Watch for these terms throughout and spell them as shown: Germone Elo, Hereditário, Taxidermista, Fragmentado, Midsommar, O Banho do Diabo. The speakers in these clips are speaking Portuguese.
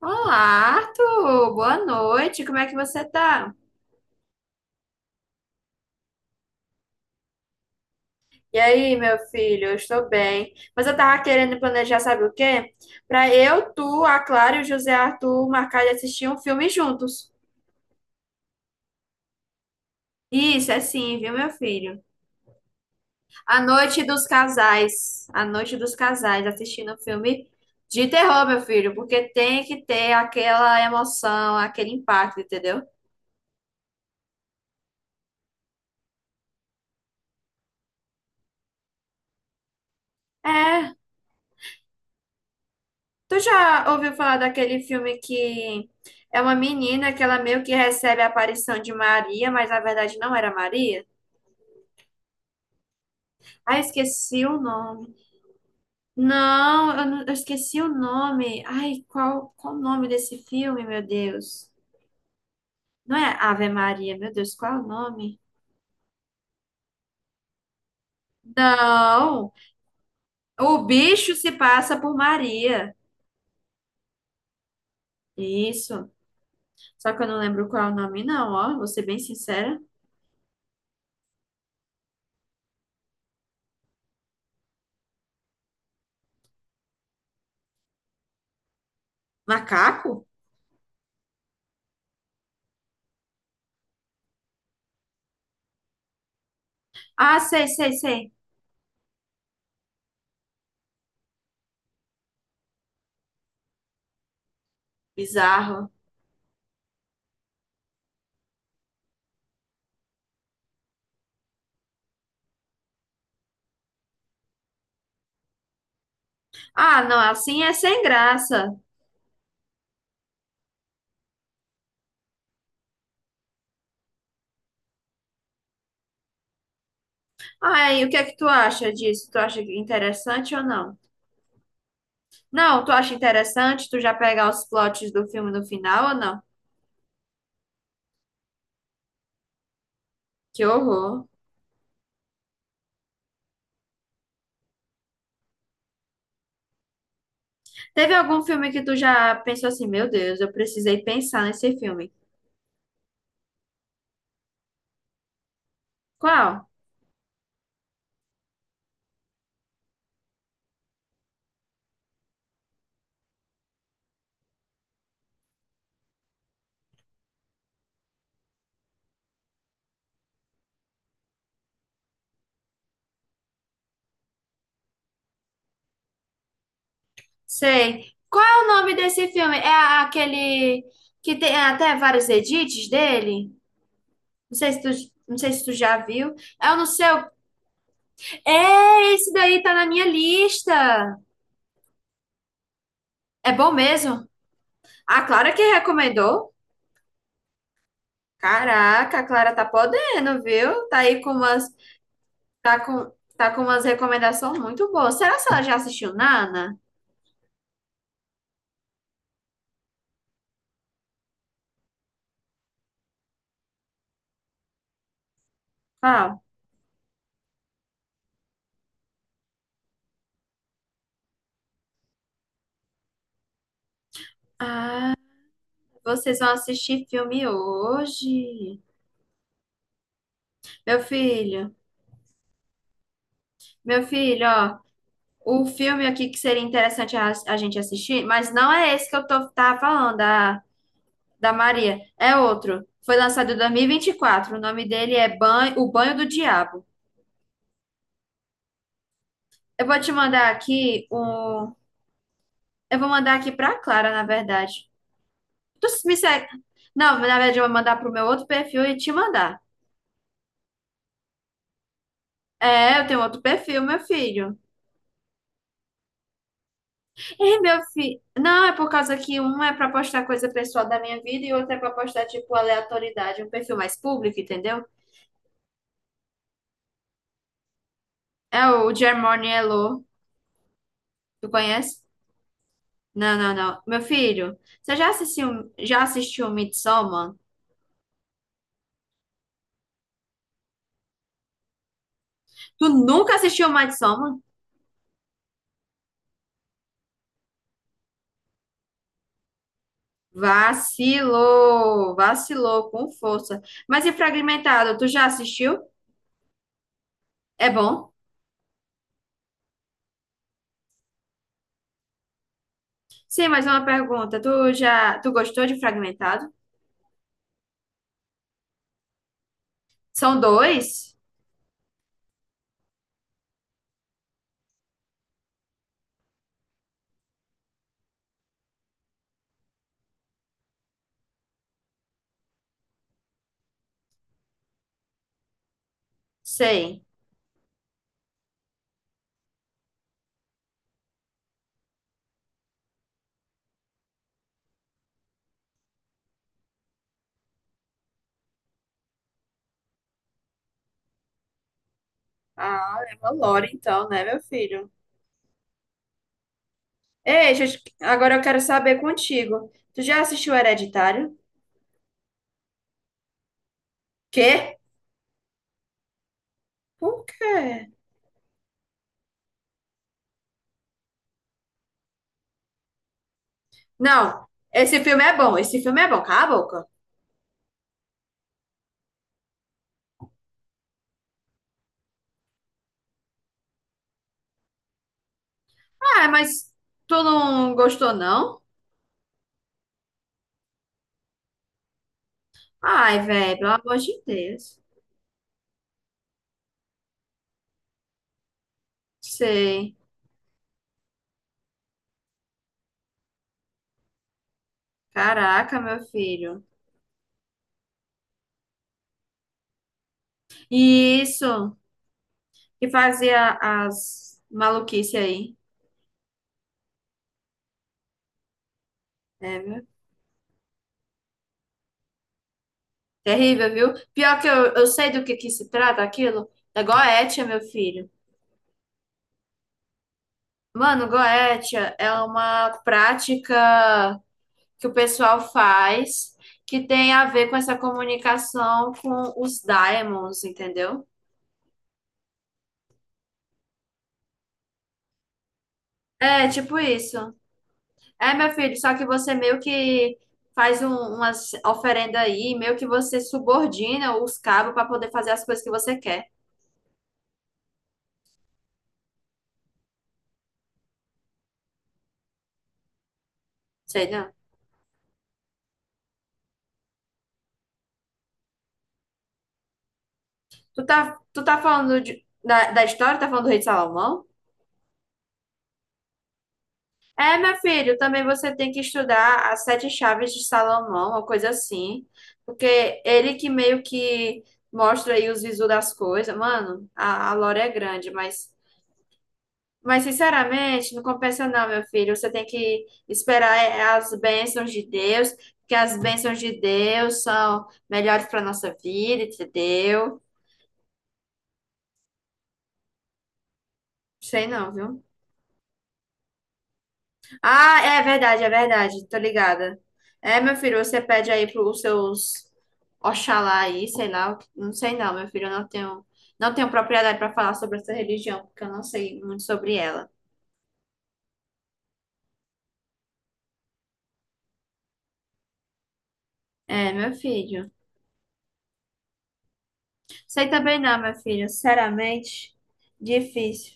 Olá, Arthur! Boa noite, como é que você tá? E aí, meu filho, eu estou bem. Mas eu tava querendo planejar, sabe o quê? Pra eu, tu, a Clara e o José Arthur marcar de assistir um filme juntos. Isso, é sim, viu, meu filho? A Noite dos Casais. A Noite dos Casais, assistindo um filme de terror, meu filho, porque tem que ter aquela emoção, aquele impacto, entendeu? É, Tu já ouviu falar daquele filme que é uma menina que ela meio que recebe a aparição de Maria, mas na verdade não era Maria? Ai, esqueci o nome. Não, eu esqueci o nome. Ai, qual, qual o nome desse filme, meu Deus? Não é Ave Maria, meu Deus, qual é o nome? Não, o bicho se passa por Maria. Isso. Só que eu não lembro qual é o nome, não, ó. Vou ser bem sincera. Macaco? Ah, sei, sei, sei. Bizarro. Ah, não, assim é sem graça. Ai, o que é que tu acha disso? Tu acha interessante ou não? Não, tu acha interessante tu já pegar os plots do filme no final ou não? Que horror. Teve algum filme que tu já pensou assim, meu Deus, eu precisei pensar nesse filme. Qual? Sei. Qual é o nome desse filme? Aquele que tem até vários edits dele? Não sei se tu, não sei se tu já viu. É o no seu. É, esse daí tá na minha lista. É bom mesmo? A Clara que recomendou? Caraca, a Clara tá podendo, viu? Tá com, tá com umas recomendações muito boas. Será que ela já assistiu Nana? Ah, vocês vão assistir filme hoje. Meu filho, meu filho, ó, o filme aqui que seria interessante a gente assistir, mas não é esse que tava falando, da Maria, é outro. Foi lançado em 2024, o nome dele é Banho, O Banho do Diabo. Eu vou te mandar aqui um. Eu vou mandar aqui pra Clara, na verdade. Tu me segue. Não, na verdade, eu vou mandar pro meu outro perfil e te mandar. É, eu tenho outro perfil, meu filho. E meu filho. Não, é por causa que um é pra postar coisa pessoal da minha vida e outro é pra postar, tipo, aleatoriedade, um perfil mais público, entendeu? É o Germone Elo. Tu conhece? Não, não, não. Meu filho, você já assistiu Midsommar? Tu nunca assistiu Midsommar? Vacilou, vacilou com força. Mas e Fragmentado, tu já assistiu? É bom? Sim, mais uma pergunta. Tu gostou de Fragmentado? São dois? Sei. Ah, é uma lore então, né, meu filho? Ei, agora eu quero saber contigo. Tu já assistiu Hereditário? Quê? Por quê? Não, esse filme é bom, esse filme é bom, cala a boca. Ah, mas tu não gostou, não? Ai, velho, pelo amor de Deus. Sei. Caraca, meu filho. E isso que fazia as maluquices aí. É, viu? Terrível, viu? Pior que eu sei do que se trata aquilo. É goétia, meu filho. Mano, goétia é uma prática que o pessoal faz que tem a ver com essa comunicação com os daimons, entendeu? É, tipo isso. É, meu filho, só que você meio que umas oferenda aí, meio que você subordina os cabos para poder fazer as coisas que você quer. Sei não. Tu tá falando da história, tá falando do rei de Salomão? É, meu filho, também você tem que estudar as sete chaves de Salomão, uma coisa assim, porque ele que meio que mostra aí os visos das coisas. Mano, a lore é grande, mas. Mas, sinceramente, não compensa não, meu filho. Você tem que esperar é, as bênçãos de Deus, porque as bênçãos de Deus são melhores para nossa vida, entendeu? Sei não, viu? Ah, é verdade, é verdade. Tô ligada. É, meu filho, você pede aí pros seus Oxalá aí, sei lá. Não sei não, meu filho. Eu não tenho, não tenho propriedade para falar sobre essa religião, porque eu não sei muito sobre ela. É, meu filho. Sei também não, meu filho. Sinceramente, difícil.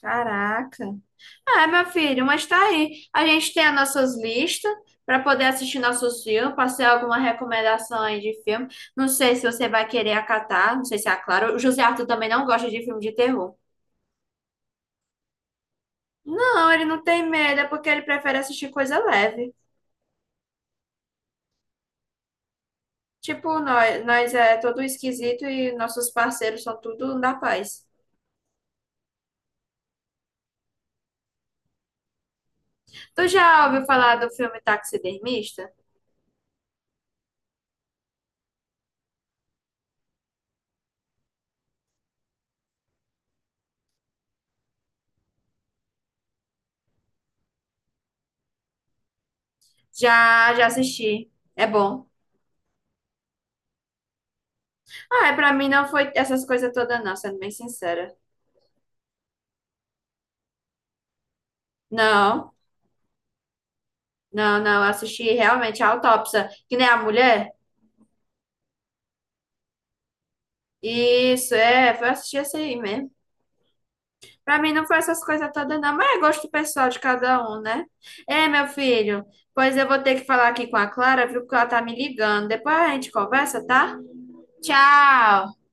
Caraca. Ah, meu filho, mas tá aí. A gente tem as nossas listas para poder assistir nossos filmes, passei alguma recomendação aí de filme. Não sei se você vai querer acatar, não sei se é claro. O José Arthur também não gosta de filme de terror. Não, ele não tem medo, é porque ele prefere assistir coisa leve. Tipo, nós é todo esquisito e nossos parceiros são tudo da paz. Tu já ouviu falar do filme Taxidermista? Já, já assisti. É bom. Ah, pra mim não foi essas coisas todas, não, sendo bem sincera. Não, não, não. Eu assisti realmente a autópsia, que nem a mulher. Isso, é, foi assistir essa aí mesmo. Pra mim não foi essas coisas todas, não, mas é gosto pessoal de cada um, né? É, meu filho, pois eu vou ter que falar aqui com a Clara, viu? Porque ela tá me ligando. Depois a gente conversa, tá? Tchau!